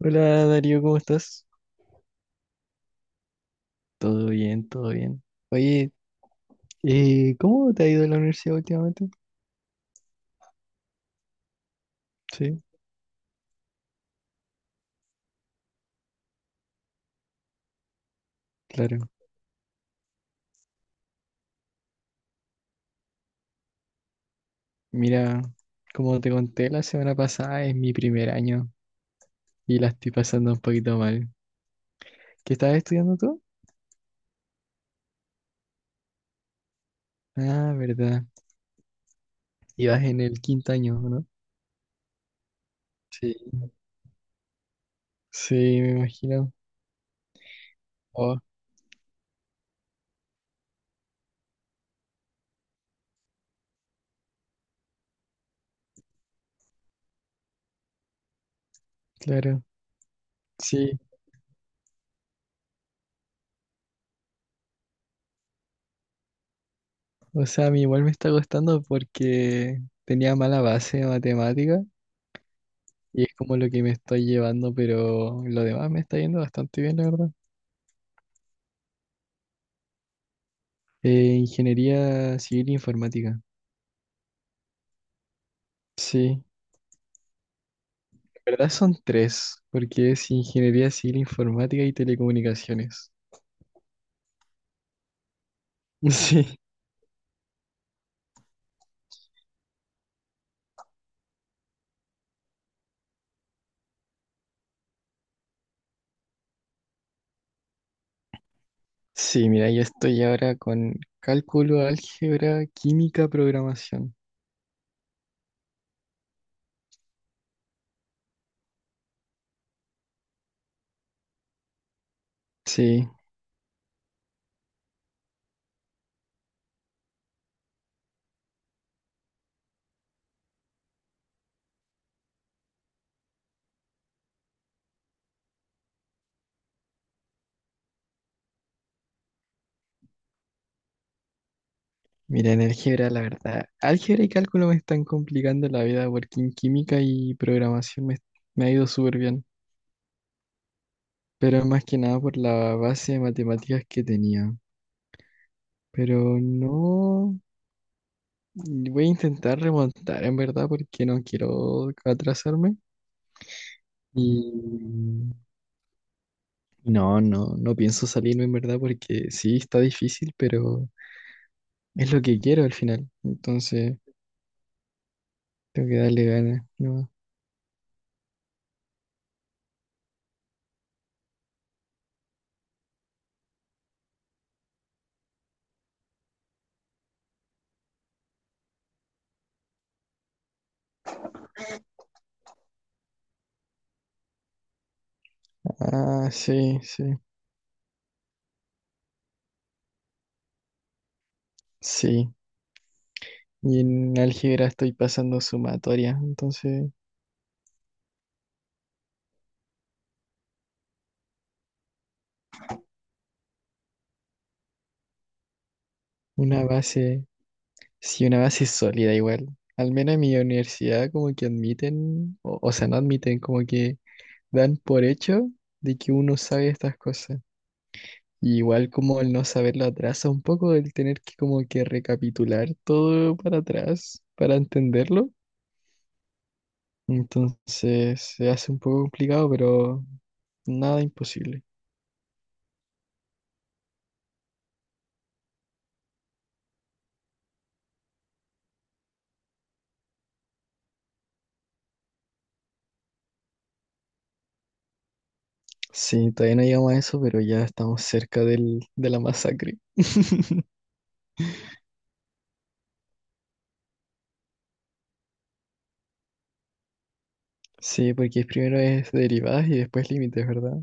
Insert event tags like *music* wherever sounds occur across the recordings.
Hola Darío, ¿cómo estás? Todo bien, todo bien. Oye, ¿cómo te ha ido en la universidad últimamente? Sí, claro. Mira, como te conté la semana pasada, es mi primer año y la estoy pasando un poquito mal. ¿Qué estás estudiando tú? Ah, verdad. Ibas en el quinto año, ¿no? Sí. Sí, me imagino. Oh, claro. Sí. O sea, a mí igual me está costando porque tenía mala base de matemática y es como lo que me estoy llevando, pero lo demás me está yendo bastante bien, la verdad. Ingeniería civil e informática. Sí, en verdad son tres, porque es ingeniería civil informática y telecomunicaciones. *laughs* Sí, sí, mira, yo estoy ahora con cálculo, álgebra, química, programación. Sí, mira, en álgebra, la verdad, álgebra y cálculo me están complicando la vida, porque en química y programación me ha ido súper bien. Pero más que nada por la base de matemáticas que tenía. Pero no voy a intentar remontar en verdad porque no quiero atrasarme. Y no, no, no pienso salirme en verdad porque sí está difícil, pero es lo que quiero al final. Entonces tengo que darle ganas, ¿no? Ah, sí, sí, sí. Y en álgebra estoy pasando sumatoria, entonces una base. Sí, una base sólida igual. Al menos en mi universidad como que admiten, o sea, no admiten, como que dan por hecho de que uno sabe estas cosas. Y igual como el no saberlo atrasa un poco, el tener que como que recapitular todo para atrás para entenderlo. Entonces se hace un poco complicado, pero nada imposible. Sí, todavía no llegamos a eso, pero ya estamos cerca del, de la masacre. *laughs* Sí, porque primero es derivadas y después límites, ¿verdad?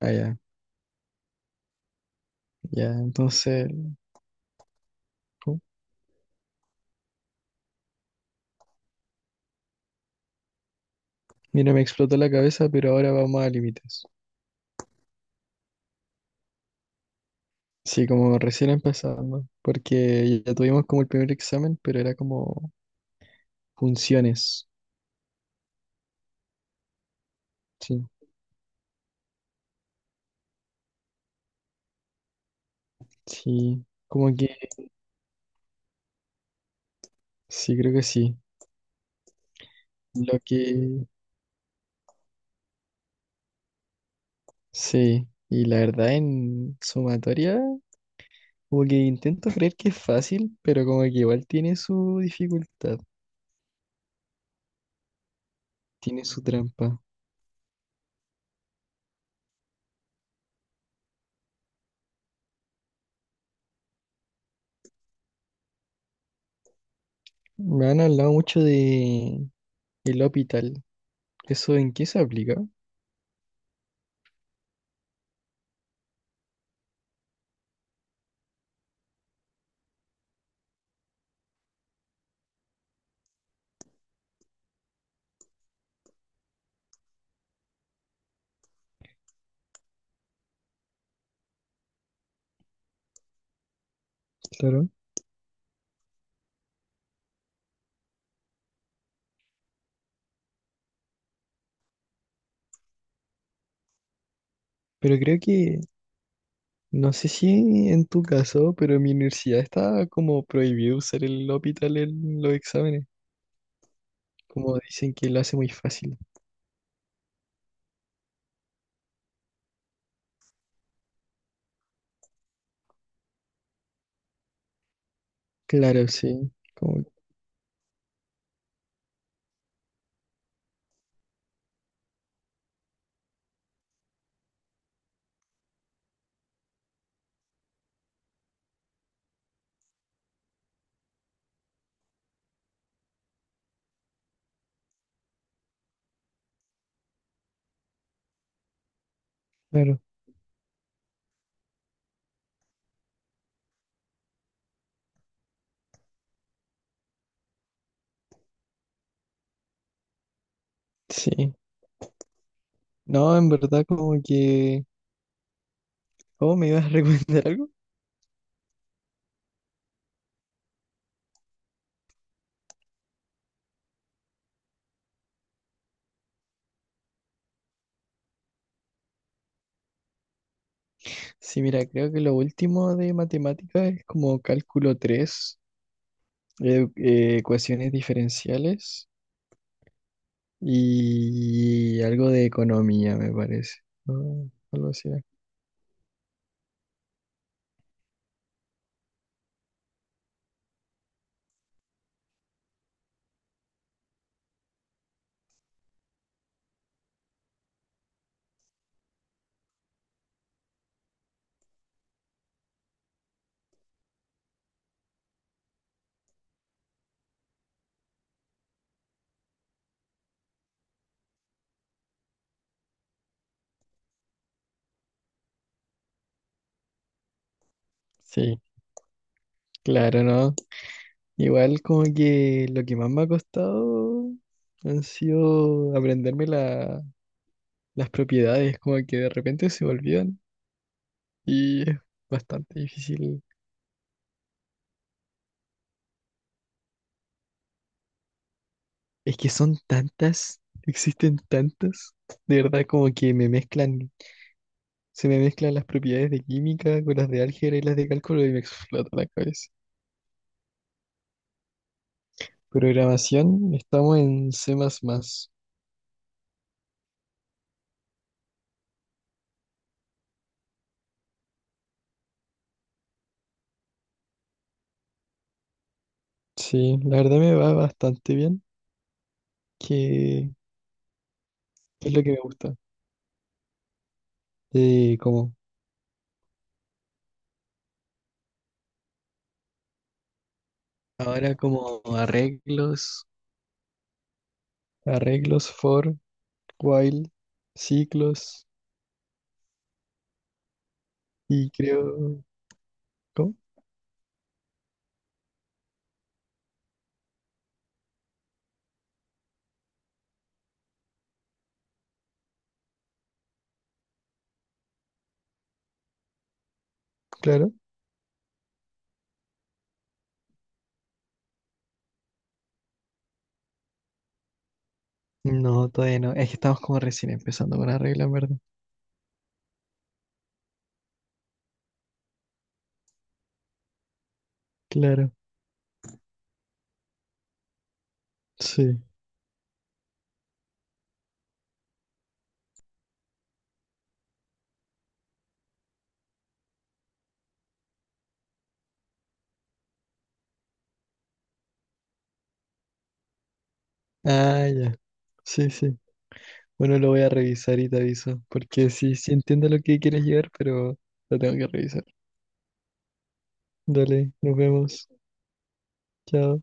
Ah, ya. Ya, entonces, pu, mira, me explotó la cabeza, pero ahora vamos a límites. Sí, como recién empezando, porque ya tuvimos como el primer examen, pero era como funciones. Sí, sí, como que, sí, creo que sí. Lo que, sí, y la verdad en sumatoria, como que intento creer que es fácil, pero como que igual tiene su dificultad, tiene su trampa. Me han hablado mucho de el hospital. ¿Eso en qué se aplica? Claro. Pero creo que, no sé si en tu caso, pero en mi universidad está como prohibido usar el hospital en los exámenes. Como dicen que lo hace muy fácil. Claro, sí. Como, claro, sí. No, en verdad como que... ¿Cómo me ibas a *laughs* recomendar algo? Sí, mira, creo que lo último de matemáticas es como cálculo tres, ecuaciones diferenciales y algo de economía, me parece. ¿No? Algo así era. Sí, claro, ¿no? Igual como que lo que más me ha costado han sido aprenderme la- las propiedades, como que de repente se me olvidan y es bastante difícil. Es que son tantas, existen tantas, de verdad como que me mezclan, se me mezclan las propiedades de química con las de álgebra y las de cálculo y me explota la cabeza. Programación, estamos en C++. Más más. Sí, la verdad me va bastante bien, que que es lo que me gusta. Como... Ahora como arreglos, arreglos for, while, ciclos y creo... ¿Cómo? Claro. No, todavía no. Es que estamos como recién empezando con arreglos, ¿en verdad? Claro. Sí. Ah, ya. Sí, sí. Bueno, lo voy a revisar y te aviso, porque sí, sí entiendo lo que quieres llegar, pero lo tengo que revisar. Dale, nos vemos. Chao.